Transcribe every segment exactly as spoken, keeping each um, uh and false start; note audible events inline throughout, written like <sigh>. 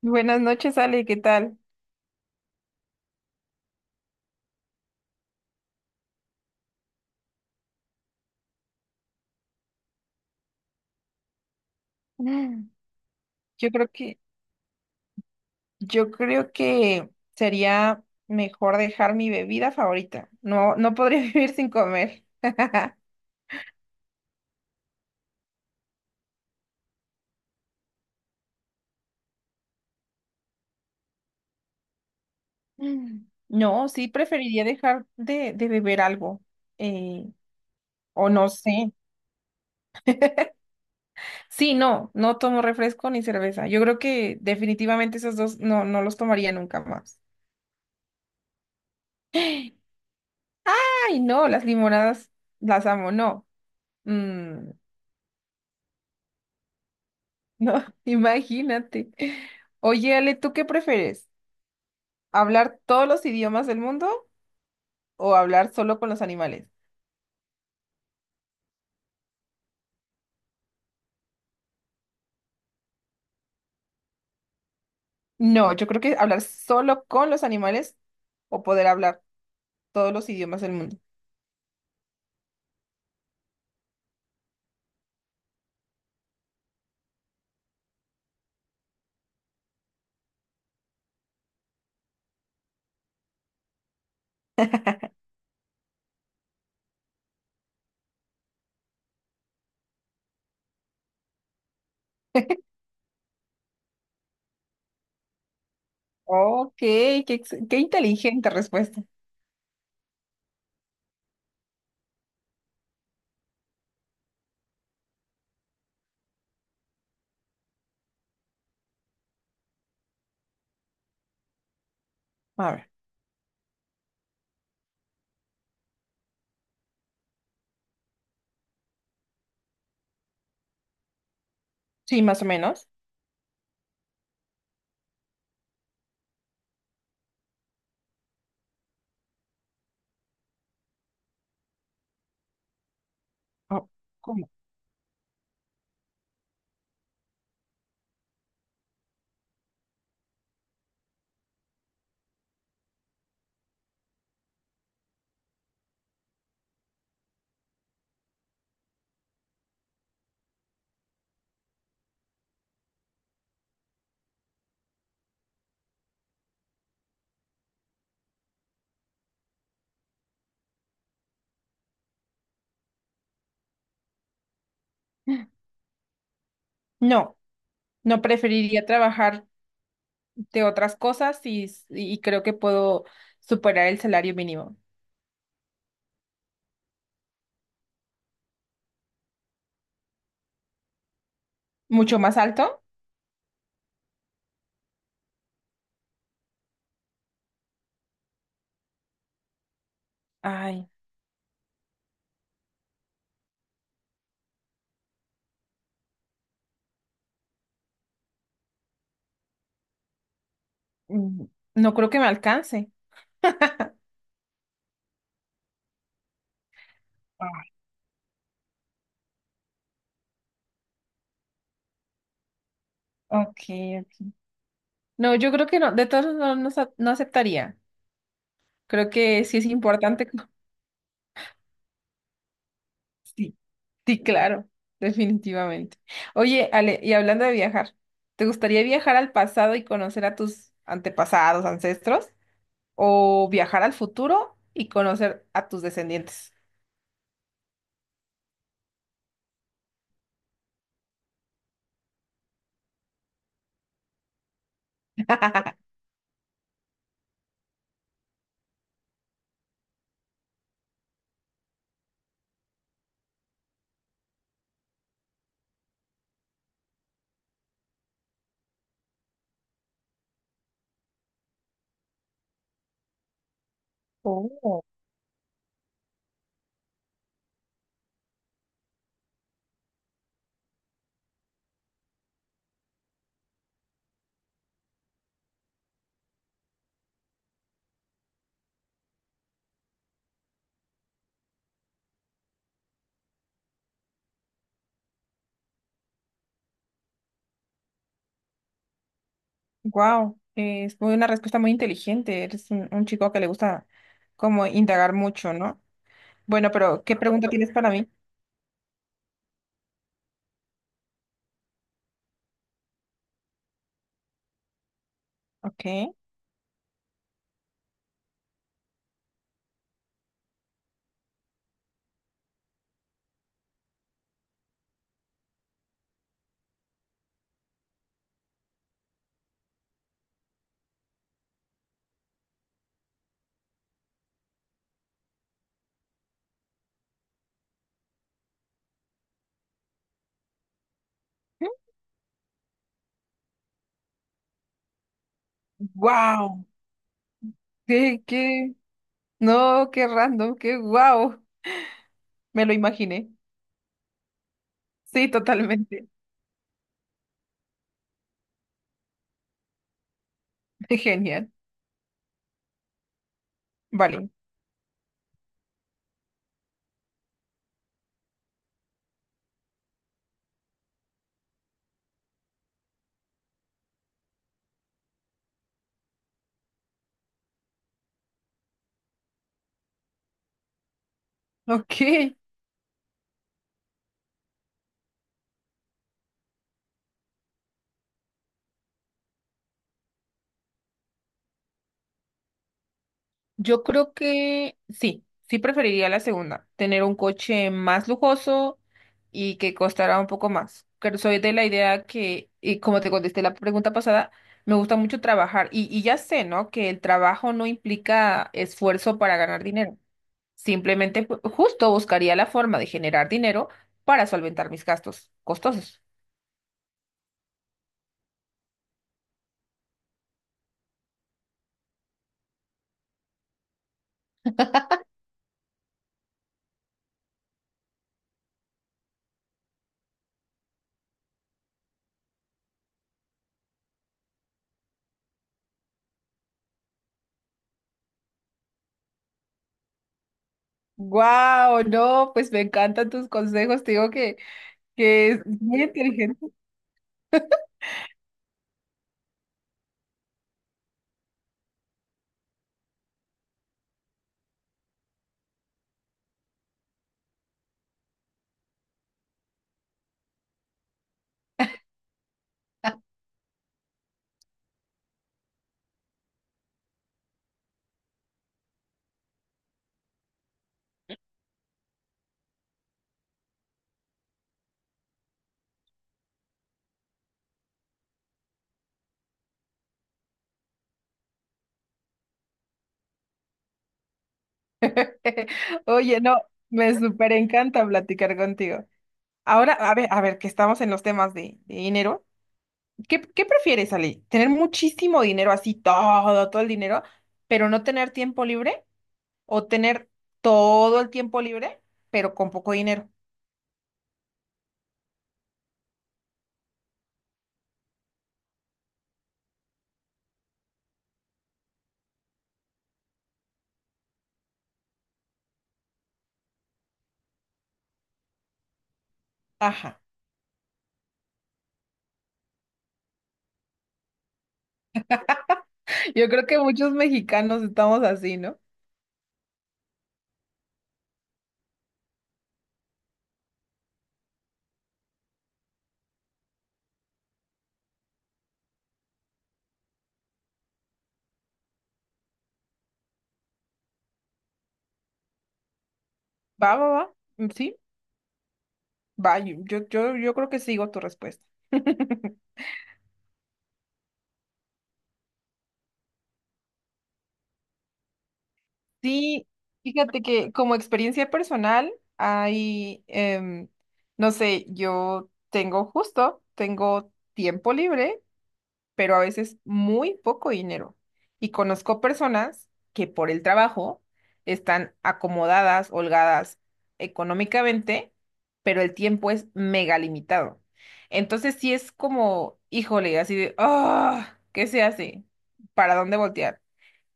Buenas noches, Ale, ¿qué tal? Mm. Yo creo que, yo creo que sería mejor dejar mi bebida favorita. No, no podría <laughs> vivir sin comer. <laughs> Mm. No, sí preferiría dejar de, de beber algo. eh, o no sé. Sí, no, no tomo refresco ni cerveza. Yo creo que definitivamente esos dos no, no los tomaría nunca más. <gasps> Ay, no, las limonadas las amo, no. Mm, No, <laughs> imagínate. Oye, Ale, ¿tú qué prefieres? ¿Hablar todos los idiomas del mundo o hablar solo con los animales? No, yo creo que hablar solo con los animales o poder hablar todos los idiomas del mundo. Ok, qué, ex- qué inteligente respuesta. A ver, sí, más o menos. Oh, ¿cómo? No, no preferiría trabajar de otras cosas y, y creo que puedo superar el salario mínimo. ¿Mucho más alto? Ay, mm, no creo que me alcance. Okay, ok. No, yo creo que no, de todos modos no, no sa- no aceptaría. Creo que sí es importante. Co- <laughs> Sí, sí, claro, definitivamente. Oye, Ale, y hablando de viajar, ¿te gustaría viajar al pasado y conocer a tus antepasados, ancestros? ¿O viajar al futuro y conocer a tus descendientes? Oh. Wow, es muy- una respuesta muy inteligente. Eres un, un chico que le gusta como indagar mucho, ¿no? Bueno, pero ¿qué pregunta tienes para mí? Ok. Wow. Qué, qué, no, qué random, qué guau. Me lo imaginé. Sí, totalmente. <laughs> Genial. Vale. Ok. Yo creo que sí, sí preferiría la segunda, tener un coche más lujoso y que costará un poco más. Pero soy de la idea que, y como te contesté la pregunta pasada, me gusta mucho trabajar. Y, y ya sé, ¿no? Que el trabajo no implica esfuerzo para ganar dinero. Simplemente, ju- justo buscaría la forma de generar dinero para solventar mis gastos costosos. Wow, no, pues me encantan tus consejos, te digo que, que es muy inteligente. <laughs> Oye, no, me súper encanta platicar contigo. Ahora, a ver, a ver, que estamos en los temas de, de dinero. ¿Qué, qué prefieres, Ale? ¿Tener muchísimo dinero, así todo, todo el dinero, pero no tener tiempo libre? ¿O tener todo el tiempo libre, pero con poco dinero? Ajá. Yo creo que muchos mexicanos estamos así, ¿no? Va, va, va. Mm, sí, va. Yo, yo, yo yo creo que sigo tu respuesta. <laughs> Sí, fíjate que como experiencia personal, hay, em, no sé, yo tengo justo, tengo tiempo libre pero a veces muy poco dinero. Y conozco personas que por el trabajo están acomodadas, holgadas económicamente, pero el tiempo es mega limitado. Entonces sí es como, híjole, así de, ah, ¿qué se hace? ¿Para dónde voltear?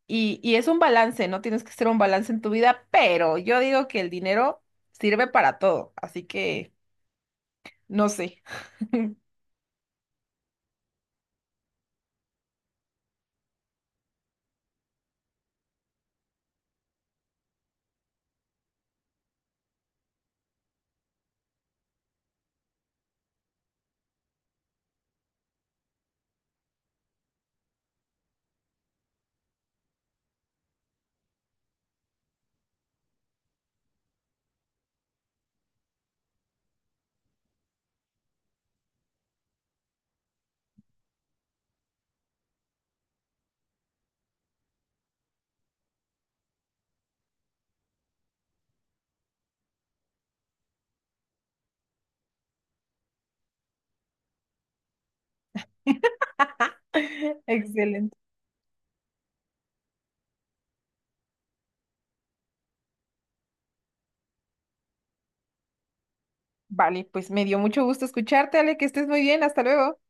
Y, y es un balance, ¿no? Tienes que hacer un balance en tu vida, pero yo digo que el dinero sirve para todo, así que no sé. <laughs> Excelente. Vale, pues me dio mucho gusto escucharte, Ale, que estés muy bien, hasta luego.